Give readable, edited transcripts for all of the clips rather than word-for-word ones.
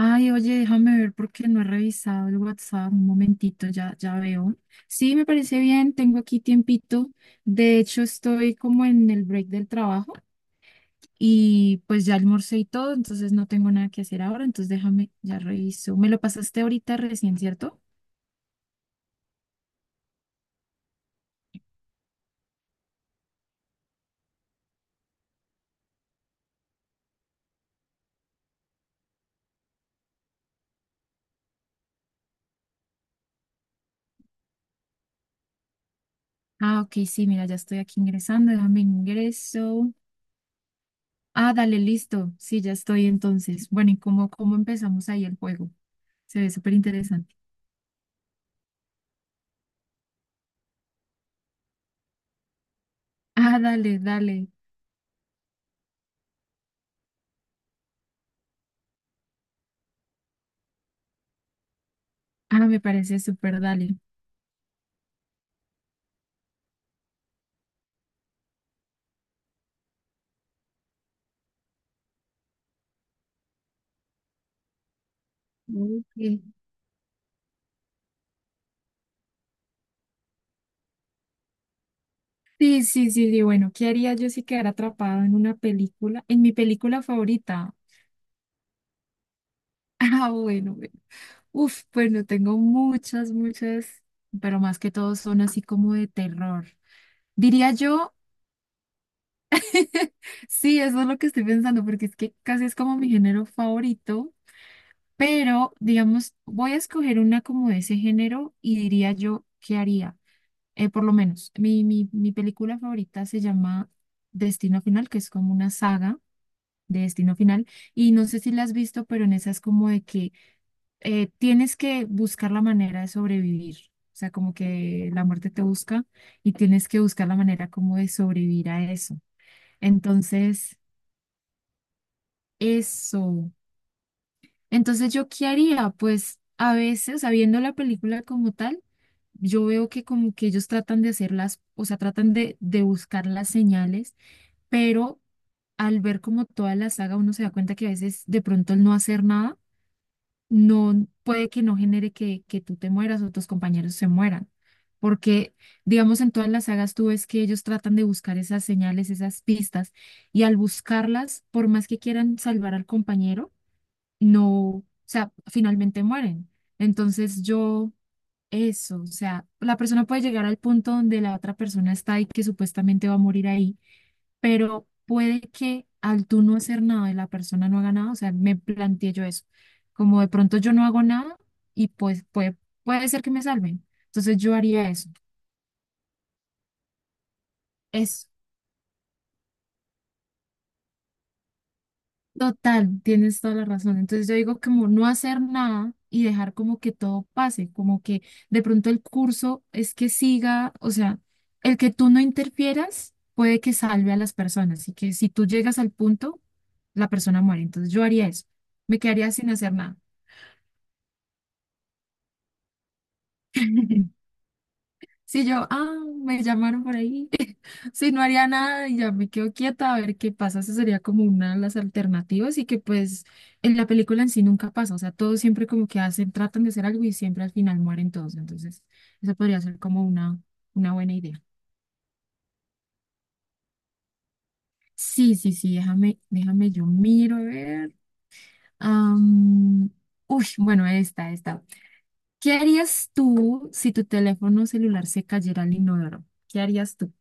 Ay, oye, déjame ver porque no he revisado el WhatsApp. Un momentito, ya veo. Sí, me parece bien, tengo aquí tiempito. De hecho, estoy como en el break del trabajo y pues ya almorcé y todo, entonces no tengo nada que hacer ahora, entonces déjame, ya reviso. Me lo pasaste ahorita recién, ¿cierto? Ah, ok, sí, mira, ya estoy aquí ingresando, déjame ingreso. Ah, dale, listo. Sí, ya estoy entonces. Bueno, ¿y cómo empezamos ahí el juego? Se ve súper interesante. Ah, dale, dale. Ah, me parece súper, dale. Ok. Sí, sí, sí, sí. Bueno, ¿qué haría yo si quedara atrapado en una película? En mi película favorita. Ah, bueno, bueno. Uf, bueno, tengo muchas, muchas, pero más que todo son así como de terror. Diría yo, sí, eso es lo que estoy pensando, porque es que casi es como mi género favorito, pero digamos, voy a escoger una como de ese género y diría yo, ¿qué haría? Por lo menos, mi película favorita se llama Destino Final, que es como una saga de Destino Final. Y no sé si la has visto, pero en esa es como de que tienes que buscar la manera de sobrevivir. O sea, como que la muerte te busca y tienes que buscar la manera como de sobrevivir a eso. Entonces, eso. Entonces, ¿yo qué haría? Pues a veces, sabiendo la película como tal, yo veo que como que ellos tratan de hacerlas, o sea, tratan de buscar las señales, pero al ver como toda la saga uno se da cuenta que a veces de pronto el no hacer nada no puede que no genere que tú te mueras o tus compañeros se mueran. Porque, digamos, en todas las sagas tú ves que ellos tratan de buscar esas señales, esas pistas, y al buscarlas, por más que quieran salvar al compañero, no, o sea, finalmente mueren. Entonces yo, eso, o sea, la persona puede llegar al punto donde la otra persona está y que supuestamente va a morir ahí, pero puede que al tú no hacer nada y la persona no haga nada, o sea, me planteé yo eso, como de pronto yo no hago nada y pues puede ser que me salven, entonces yo haría eso, es total, tienes toda la razón, entonces yo digo como no hacer nada y dejar como que todo pase, como que de pronto el curso es que siga, o sea, el que tú no interfieras puede que salve a las personas y que si tú llegas al punto, la persona muere, entonces yo haría eso, me quedaría sin hacer nada. Si yo, ah, me llamaron por ahí. Si no haría nada y ya me quedo quieta a ver qué pasa, esa sería como una de las alternativas y que pues en la película en sí nunca pasa, o sea, todos siempre como que hacen, tratan de hacer algo y siempre al final mueren todos, entonces esa podría ser como una buena idea. Sí, sí, sí, déjame, yo miro, a ver. Am, uy, bueno, esta, esta. ¿Qué harías tú si tu teléfono celular se cayera al inodoro? ¿Qué harías tú?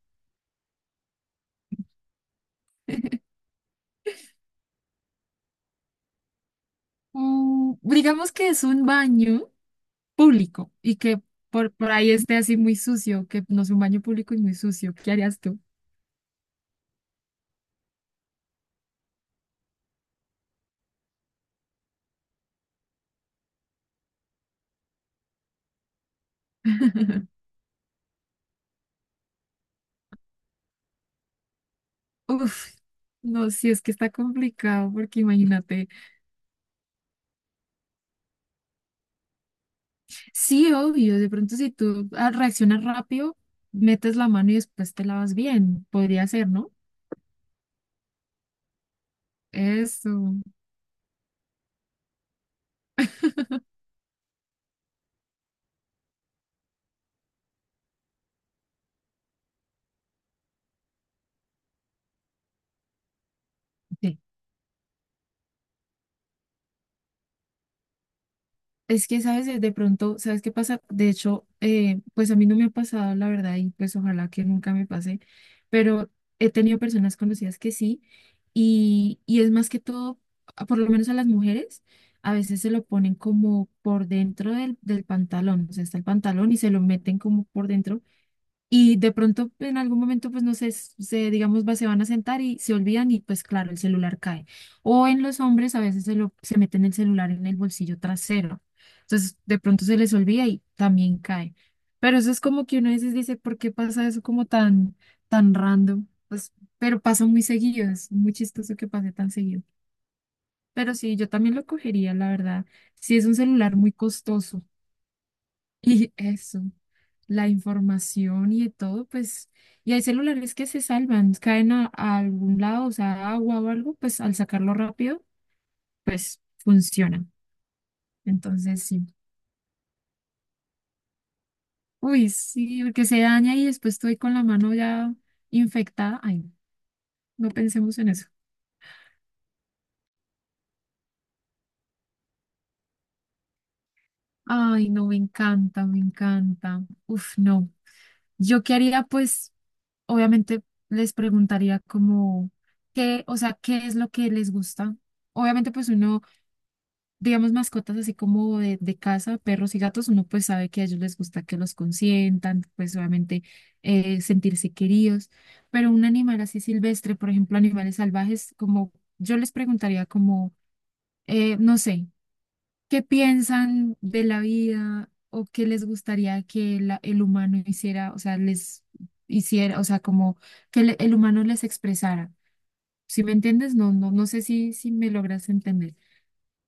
Mm, digamos que es un baño público y que por ahí esté así muy sucio, que no es un baño público y muy sucio. ¿Qué harías tú? Uf, no, sí es que está complicado, porque imagínate, sí, obvio, de pronto si tú reaccionas rápido, metes la mano y después te lavas bien, podría ser, ¿no? Eso, sí. Es que, ¿sabes? De pronto, ¿sabes qué pasa? De hecho, pues a mí no me ha pasado, la verdad, y pues ojalá que nunca me pase, pero he tenido personas conocidas que sí, y es más que todo, a- por lo menos a las mujeres, a veces se lo ponen como por dentro del pantalón, o sea, está el pantalón y se lo meten como por dentro y de pronto en algún momento, pues no sé, s- se, digamos, va, se van a sentar y se olvidan y pues claro, el celular cae. O en los hombres a veces se, lo, se meten el celular en el bolsillo trasero. Entonces de pronto se les olvida y también cae. Pero eso es como que uno a veces dice, ¿por qué pasa eso como tan, tan random? Pues, pero pasa muy seguido, es muy chistoso que pase tan seguido. Pero sí, yo también lo cogería, la verdad. Si es un celular muy costoso. Y eso, la información y de todo, pues, y hay celulares que se salvan, caen a algún lado, o sea, agua o algo, pues al sacarlo rápido, pues funciona. Entonces, sí. Uy, sí, porque se daña y después estoy con la mano ya infectada. Ay, no pensemos en eso. Ay, no, me encanta, me encanta. Uf, no. Yo qué haría, pues, obviamente les preguntaría como, ¿qué, o sea, qué es lo que les gusta? Obviamente, pues uno digamos, mascotas así como de casa, perros y gatos, uno pues sabe que a ellos les gusta que los consientan, pues obviamente sentirse queridos, pero un animal así silvestre, por ejemplo, animales salvajes, como yo les preguntaría como, no sé, ¿qué piensan de la vida o qué les gustaría que la- el humano hiciera, o sea, les hiciera, o sea, como que le- el humano les expresara? Si me entiendes, no sé si, si me logras entender.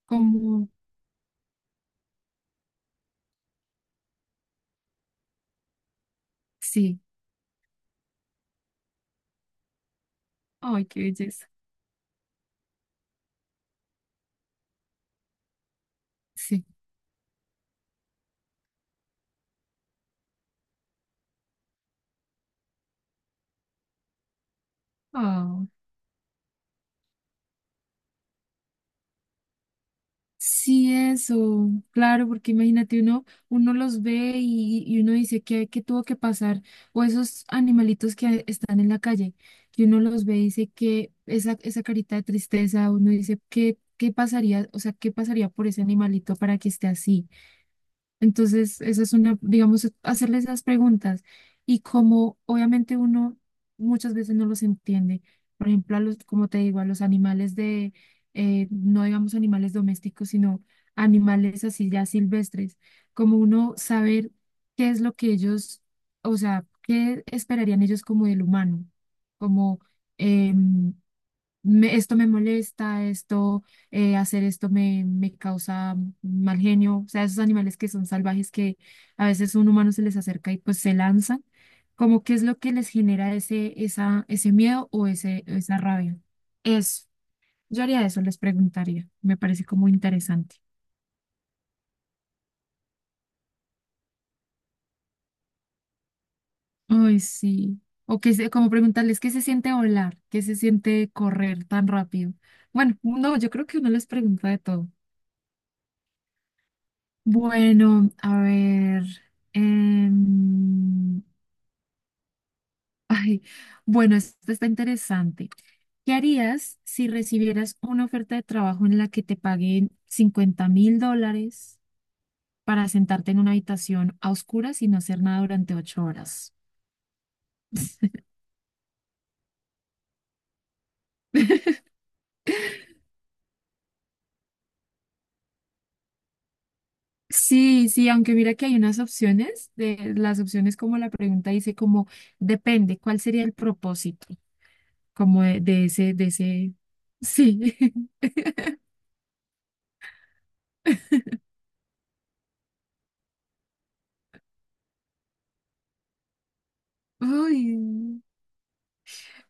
Como, sí. Ay, qué belleza. Sí. Ah, sí, eso. Claro, porque imagínate, uno, uno los ve y uno dice que tuvo que pasar. O esos animalitos que están en la calle, que uno los ve y dice que esa carita de tristeza, uno dice, ¿qué, qué pasaría? O sea, ¿qué pasaría por ese animalito para que esté así? Entonces, esa es una, digamos, hacerle esas preguntas. Y como obviamente uno muchas veces no los entiende, por ejemplo, a los, como te digo, a los animales de, no digamos animales domésticos, sino animales así ya silvestres, como uno saber qué es lo que ellos, o sea, qué esperarían ellos como del humano, como, em, me- esto me molesta, esto, hacer esto me, me causa mal genio. O sea, esos animales que son salvajes que a veces un humano se les acerca y pues se lanzan, como qué es lo que les genera ese, esa, ese miedo o ese, esa rabia. Eso, yo haría eso, les preguntaría. Me parece como interesante. Ay, sí. O que se- como preguntarles qué se siente volar, qué se siente correr tan rápido. Bueno, no, yo creo que uno les pregunta de todo. Bueno, a ver. em, ay, bueno, esto está interesante. ¿Qué harías si recibieras una oferta de trabajo en la que te paguen $50.000 para sentarte en una habitación a oscuras y no hacer nada durante 8 horas? Sí, sí, aunque mira que hay unas opciones, de, las opciones como la pregunta dice como depende, ¿cuál sería el propósito? Como de ese, de ese, sí. Uy.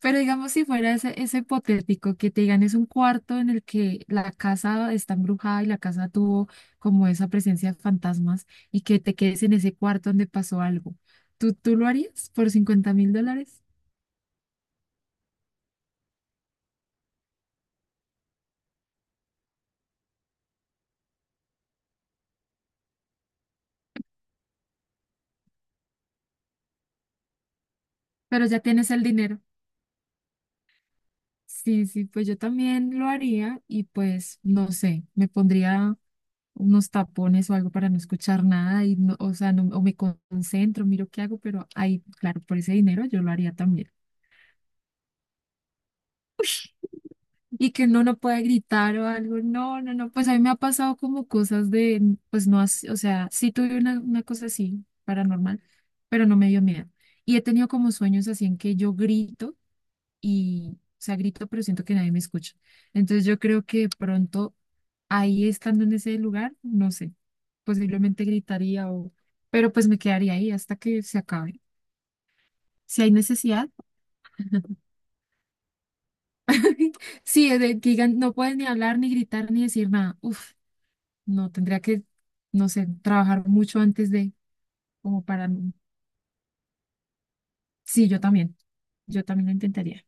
Pero digamos, si fuera ese, ese hipotético que te digan es un cuarto en el que la casa está embrujada y la casa tuvo como esa presencia de fantasmas y que te quedes en ese cuarto donde pasó algo, ¿tú lo harías por $50.000? Pero ya tienes el dinero. Sí, sí, pues yo también lo haría y pues no sé, me pondría unos tapones o algo para no escuchar nada y no, o sea, no- o me concentro, miro qué hago, pero ahí, claro, por ese dinero yo lo haría también. Y que uno no puede gritar o algo. No, no, no, pues a mí me ha pasado como cosas de, pues no, as- o sea, sí tuve una cosa así, paranormal, pero no me dio miedo. Y he tenido como sueños así en que yo grito y, o sea, grito, pero siento que nadie me escucha. Entonces yo creo que de pronto ahí estando en ese lugar, no sé, posiblemente gritaría o, pero pues me quedaría ahí hasta que se acabe. Si hay necesidad, sí, de- digan, no pueden ni hablar, ni gritar, ni decir nada. Uf, no, tendría que, no sé, trabajar mucho antes de, como para... Sí, yo también. Yo también lo intentaría.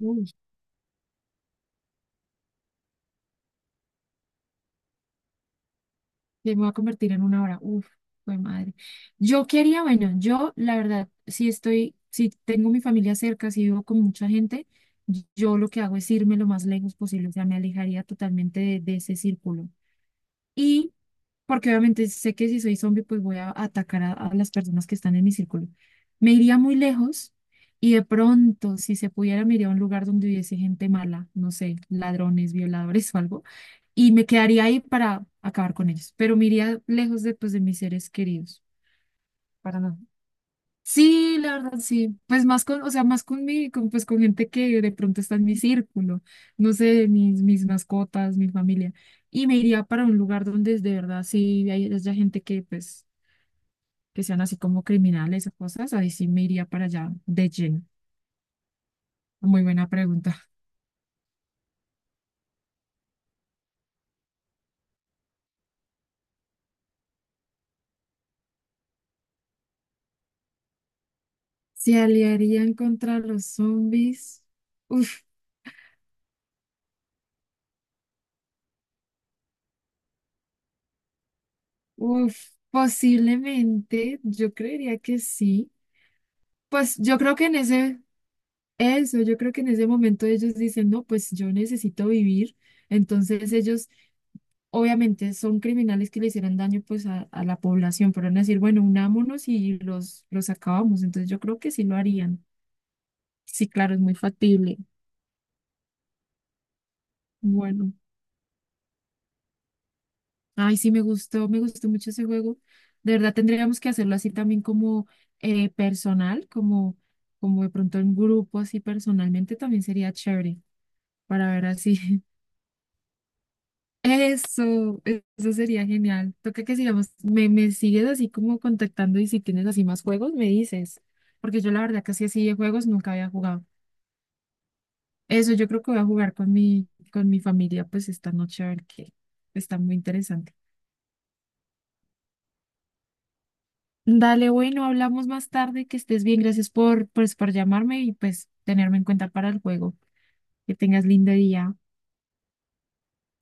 Uy, me voy a convertir en 1 hora. Uf, fue madre. Yo quería, bueno, yo la verdad, si estoy, si tengo mi familia cerca, si vivo con mucha gente, yo lo que hago es irme lo más lejos posible. O sea, me alejaría totalmente de ese círculo. Y porque obviamente sé que si soy zombie, pues voy a atacar a las personas que están en mi círculo. Me iría muy lejos y de pronto, si se pudiera, me iría a un lugar donde hubiese gente mala, no sé, ladrones, violadores o algo, y me quedaría ahí para acabar con ellos, pero me iría lejos de, pues, de mis seres queridos, para nada. Sí, la verdad, sí. Pues más con, o sea, más con mi, con, pues con gente que de pronto está en mi círculo, no sé, mis mascotas, mi familia. Y me iría para un lugar donde de verdad sí hay- haya gente que, pues, que sean así como criminales o cosas, ahí sí me iría para allá de lleno. Muy buena pregunta. ¿Se aliarían contra los zombies? Uf, uf, posiblemente, yo creería que sí. Pues yo creo que en ese, eso, yo creo que en ese momento ellos dicen, no, pues yo necesito vivir. Entonces ellos obviamente son criminales que le hicieron daño pues a la población, pero van a decir, bueno, unámonos y los acabamos. Entonces yo creo que sí lo harían. Sí, claro, es muy factible. Bueno, ay, sí, me gustó mucho ese juego. De verdad tendríamos que hacerlo así también como personal, como, como de pronto en grupo, así personalmente también sería chévere para ver así. Eso sería genial. Toca que sigamos, me sigues así como contactando y si tienes así más juegos, me dices. Porque yo la verdad casi así de juegos nunca había jugado. Eso yo creo que voy a jugar con mi familia pues esta noche a ver qué. Está muy interesante. Dale, bueno, hablamos más tarde, que estés bien. Gracias por, pues, por llamarme y pues tenerme en cuenta para el juego. Que tengas lindo día.